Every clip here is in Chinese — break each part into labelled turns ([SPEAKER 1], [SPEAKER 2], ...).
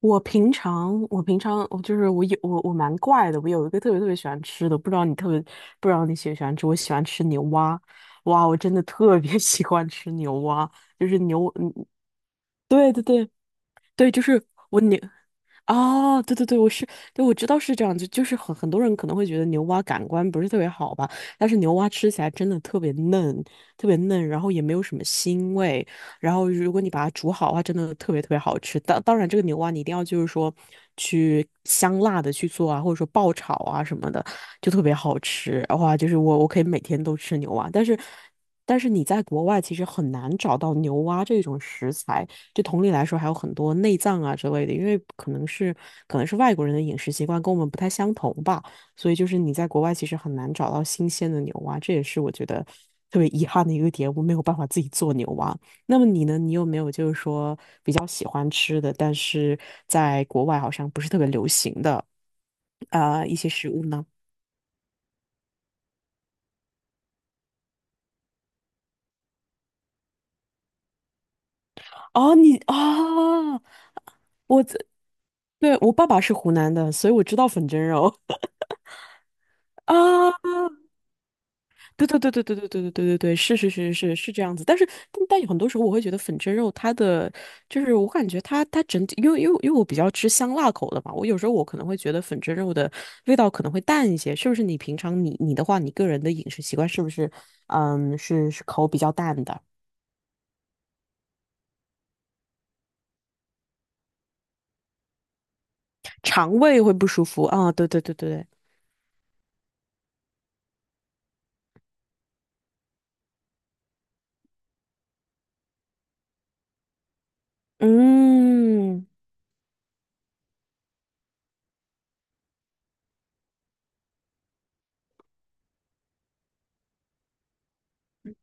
[SPEAKER 1] 我平常，我就是我蛮怪的，我有一个特别特别喜欢吃的，不知道你特别不知道你喜不喜欢吃，我喜欢吃牛蛙。哇，我真的特别 喜欢吃牛蛙。就是牛，嗯，对对对对，就是我牛。哦，对对对，对，我知道是这样子。就是很多人可能会觉得牛蛙感官不是特别好吧，但是牛蛙吃起来真的特别嫩，特别嫩，然后也没有什么腥味。然后如果你把它煮好的话，真的特别特别好吃。当然，这个牛蛙你一定要就是说去香辣的去做啊，或者说爆炒啊什么的，就特别好吃。哇，就是我可以每天都吃牛蛙，但是你在国外其实很难找到牛蛙这种食材。就同理来说，还有很多内脏啊之类的，因为可能是外国人的饮食习惯跟我们不太相同吧，所以就是你在国外其实很难找到新鲜的牛蛙，这也是我觉得特别遗憾的一个点，我没有办法自己做牛蛙。那么你呢？你有没有就是说比较喜欢吃的，但是在国外好像不是特别流行的一些食物呢？哦，你啊，我对，我爸爸是湖南的，所以我知道粉蒸肉 啊。对对对对对对对对对对对，是是是是是这样子。但是但但有很多时候我会觉得粉蒸肉就是我感觉它整体，因为我比较吃香辣口的嘛，我有时候我可能会觉得粉蒸肉的味道可能会淡一些，是不是？你平常你的话，你个人的饮食习惯是不是是是口比较淡的？肠胃会不舒服啊？对对对对对，嗯。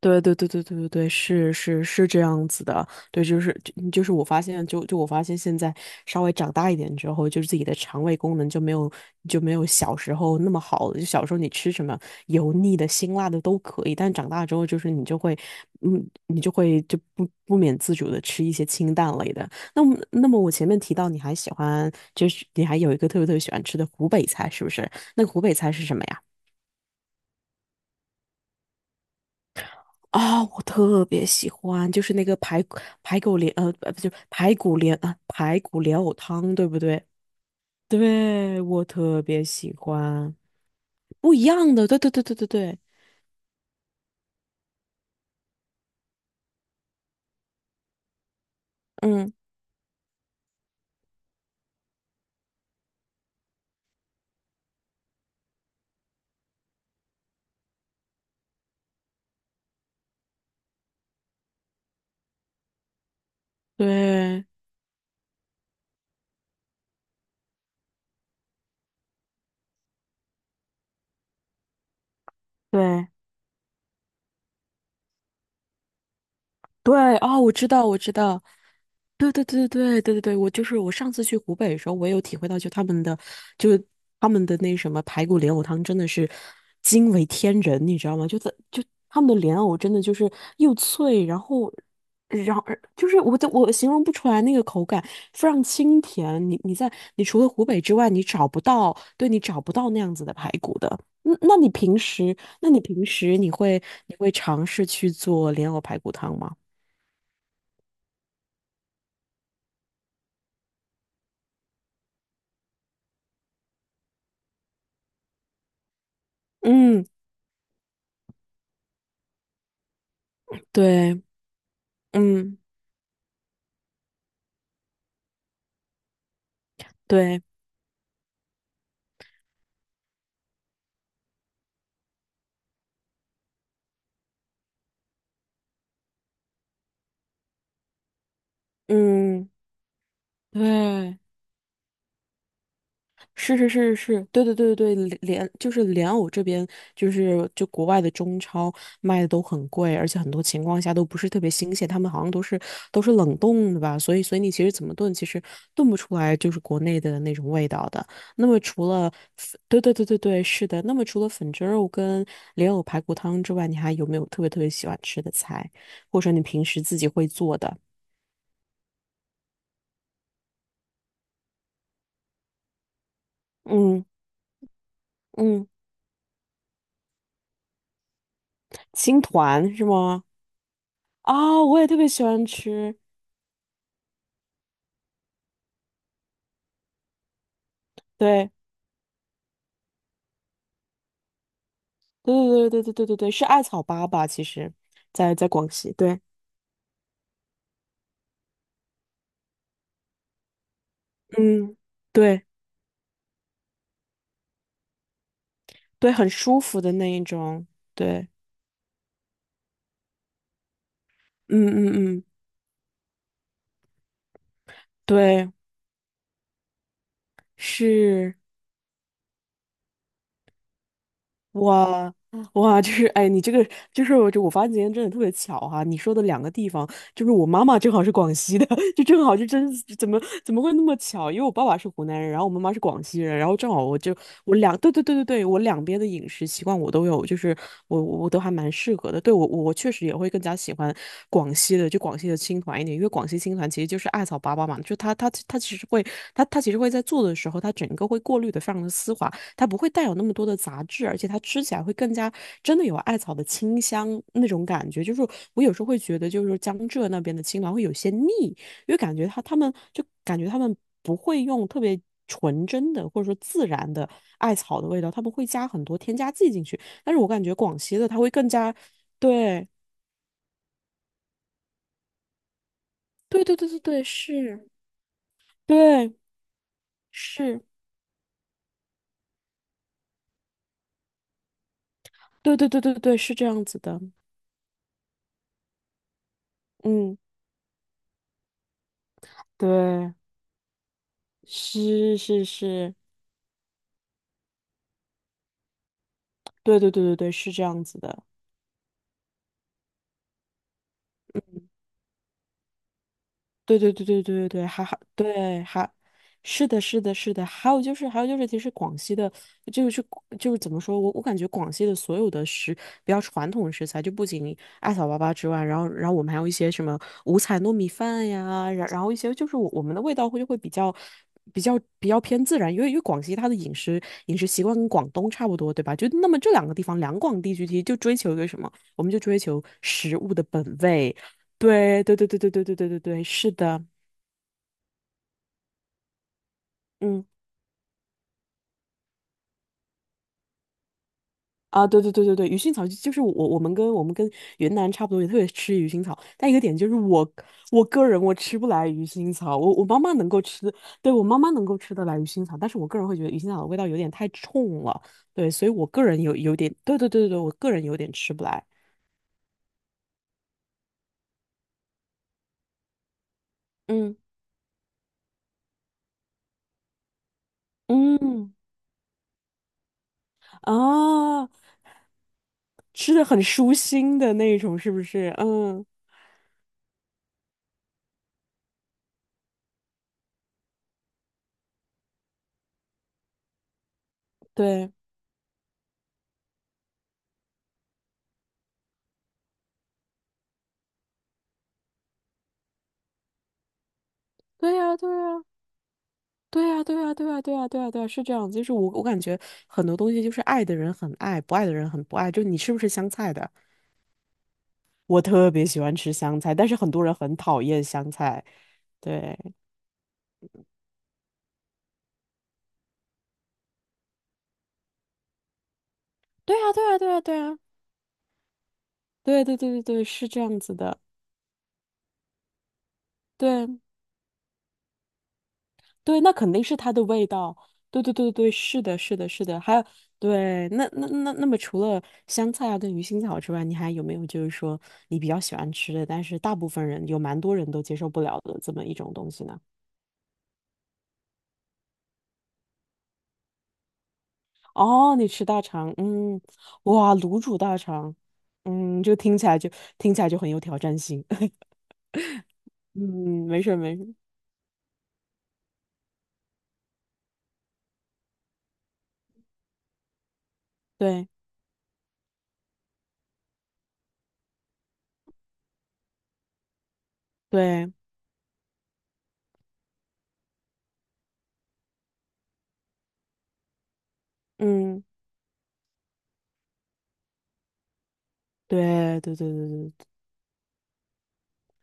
[SPEAKER 1] 对对对对对对对，是是是这样子的。对，就是我发现现在稍微长大一点之后，就是自己的肠胃功能就没有小时候那么好了。就小时候你吃什么油腻的、辛辣的都可以，但长大之后就是你就会就不免自主的吃一些清淡类的。那么我前面提到你还喜欢，就是你还有一个特别特别喜欢吃的湖北菜，是不是？那个湖北菜是什么呀？啊、我特别喜欢，就是那个排骨排骨莲，呃，不就排骨莲啊，排骨莲藕汤，对不对？对，我特别喜欢，不一样的，对对对对对对，嗯，对对。对，啊，我知道，我知道，对对对对对对对，就是我上次去湖北的时候，我也有体会到，就是他们的那什么排骨莲藕汤真的是惊为天人，你知道吗？就他们的莲藕真的就是又脆，然后然后就是我形容不出来那个口感，非常清甜。你除了湖北之外，你找不到，对你找不到那样子的排骨的。那你平时你会尝试去做莲藕排骨汤吗？嗯，对，嗯，对，嗯，对，是是是是，对对对对，对，就是莲藕这边，就是国外的中超卖的都很贵，而且很多情况下都不是特别新鲜，他们好像都是冷冻的吧，所以你其实怎么炖，其实炖不出来就是国内的那种味道的。那么除了粉对对对对对，是的。那么除了粉蒸肉跟莲藕排骨汤之外，你还有没有特别特别喜欢吃的菜，或者你平时自己会做的？嗯。嗯，青团是吗？啊、我也特别喜欢吃。对，对对对对对对对对，是艾草粑粑，其实，在广西，对，嗯，对对，很舒服的那一种，对，嗯嗯嗯，对，是。哇哇，就是哎，你这个就是我发现今天真的特别巧哈、你说的两个地方，就是我妈妈正好是广西的，就正好真是怎么会那么巧？因为我爸爸是湖南人，然后我妈妈是广西人，然后正好我就我两对对对对对，我两边的饮食习惯我都有，就是我都还蛮适合的。对我确实也会更加喜欢广西的，就广西的青团一点，因为广西青团其实就是艾草粑粑嘛，就它其实会在做的时候，它整个会过滤的非常的丝滑。它不会带有那么多的杂质，而且它吃起来会更加真的有艾草的清香那种感觉。就是我有时候会觉得，就是江浙那边的青兰会有些腻，因为感觉他们不会用特别纯真的或者说自然的艾草的味道，他们会加很多添加剂进去。但是我感觉广西的它会更加，对对对对对对，是对是，对对对对对，是这样子的，嗯，对，是是是。对对对对对，是这样子的。对对对对对对对，还还对还，是的，是的，是的。还有就是，其实广西的，就是就是怎么说，我感觉广西的所有的比较传统的食材，就不仅艾草粑粑之外，然后我们还有一些什么五彩糯米饭呀，然后一些就是我们的味道会就会比较。比较偏自然，因为广西它的饮食习惯跟广东差不多，对吧？就那么这两个地方，两广地区其实就追求一个什么？我们就追求食物的本味，对对对对对对对对对对，是的，嗯啊，对对对对对，鱼腥草就是我我们跟云南差不多，也特别吃鱼腥草，但一个点就是我个人吃不来鱼腥草，我妈妈能够吃，对我妈妈能够吃得来鱼腥草，但是我个人会觉得鱼腥草的味道有点太冲了，对，所以我个人有点，对对对对对，我个人有点吃不来，嗯嗯啊，吃的很舒心的那种，是不是？嗯，对对呀对呀。对啊，对啊，对啊，对啊，对啊，对啊，是这样。就是我感觉很多东西就是爱的人很爱，不爱的人很不爱。就你吃不吃香菜的？我特别喜欢吃香菜，但是很多人很讨厌香菜。对，对啊，对啊，对啊，对啊，对对对对对，是这样子的。对对，那肯定是它的味道。对对对对，是的，是的，是的。还有，对，那么，除了香菜啊跟鱼腥草之外，你还有没有就是说你比较喜欢吃的，但是大部分人有蛮多人都接受不了的这么一种东西呢？哦，你吃大肠，嗯。哇，卤煮大肠，嗯，就听起来就很有挑战性。嗯，没事儿没事儿，对对，嗯，对对对对对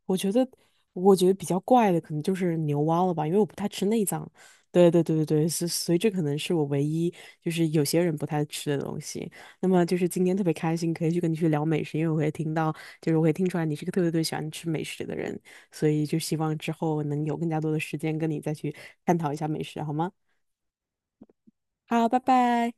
[SPEAKER 1] 我觉得，我觉得比较怪的可能就是牛蛙了吧，因为我不太吃内脏。对对对对对，所以这可能是我唯一就是有些人不太吃的东西。那么就是今天特别开心，可以去跟你去聊美食，因为我会听到，就是我会听出来你是个特别特别喜欢吃美食的人，所以就希望之后能有更加多的时间跟你再去探讨一下美食，好吗？好，拜拜。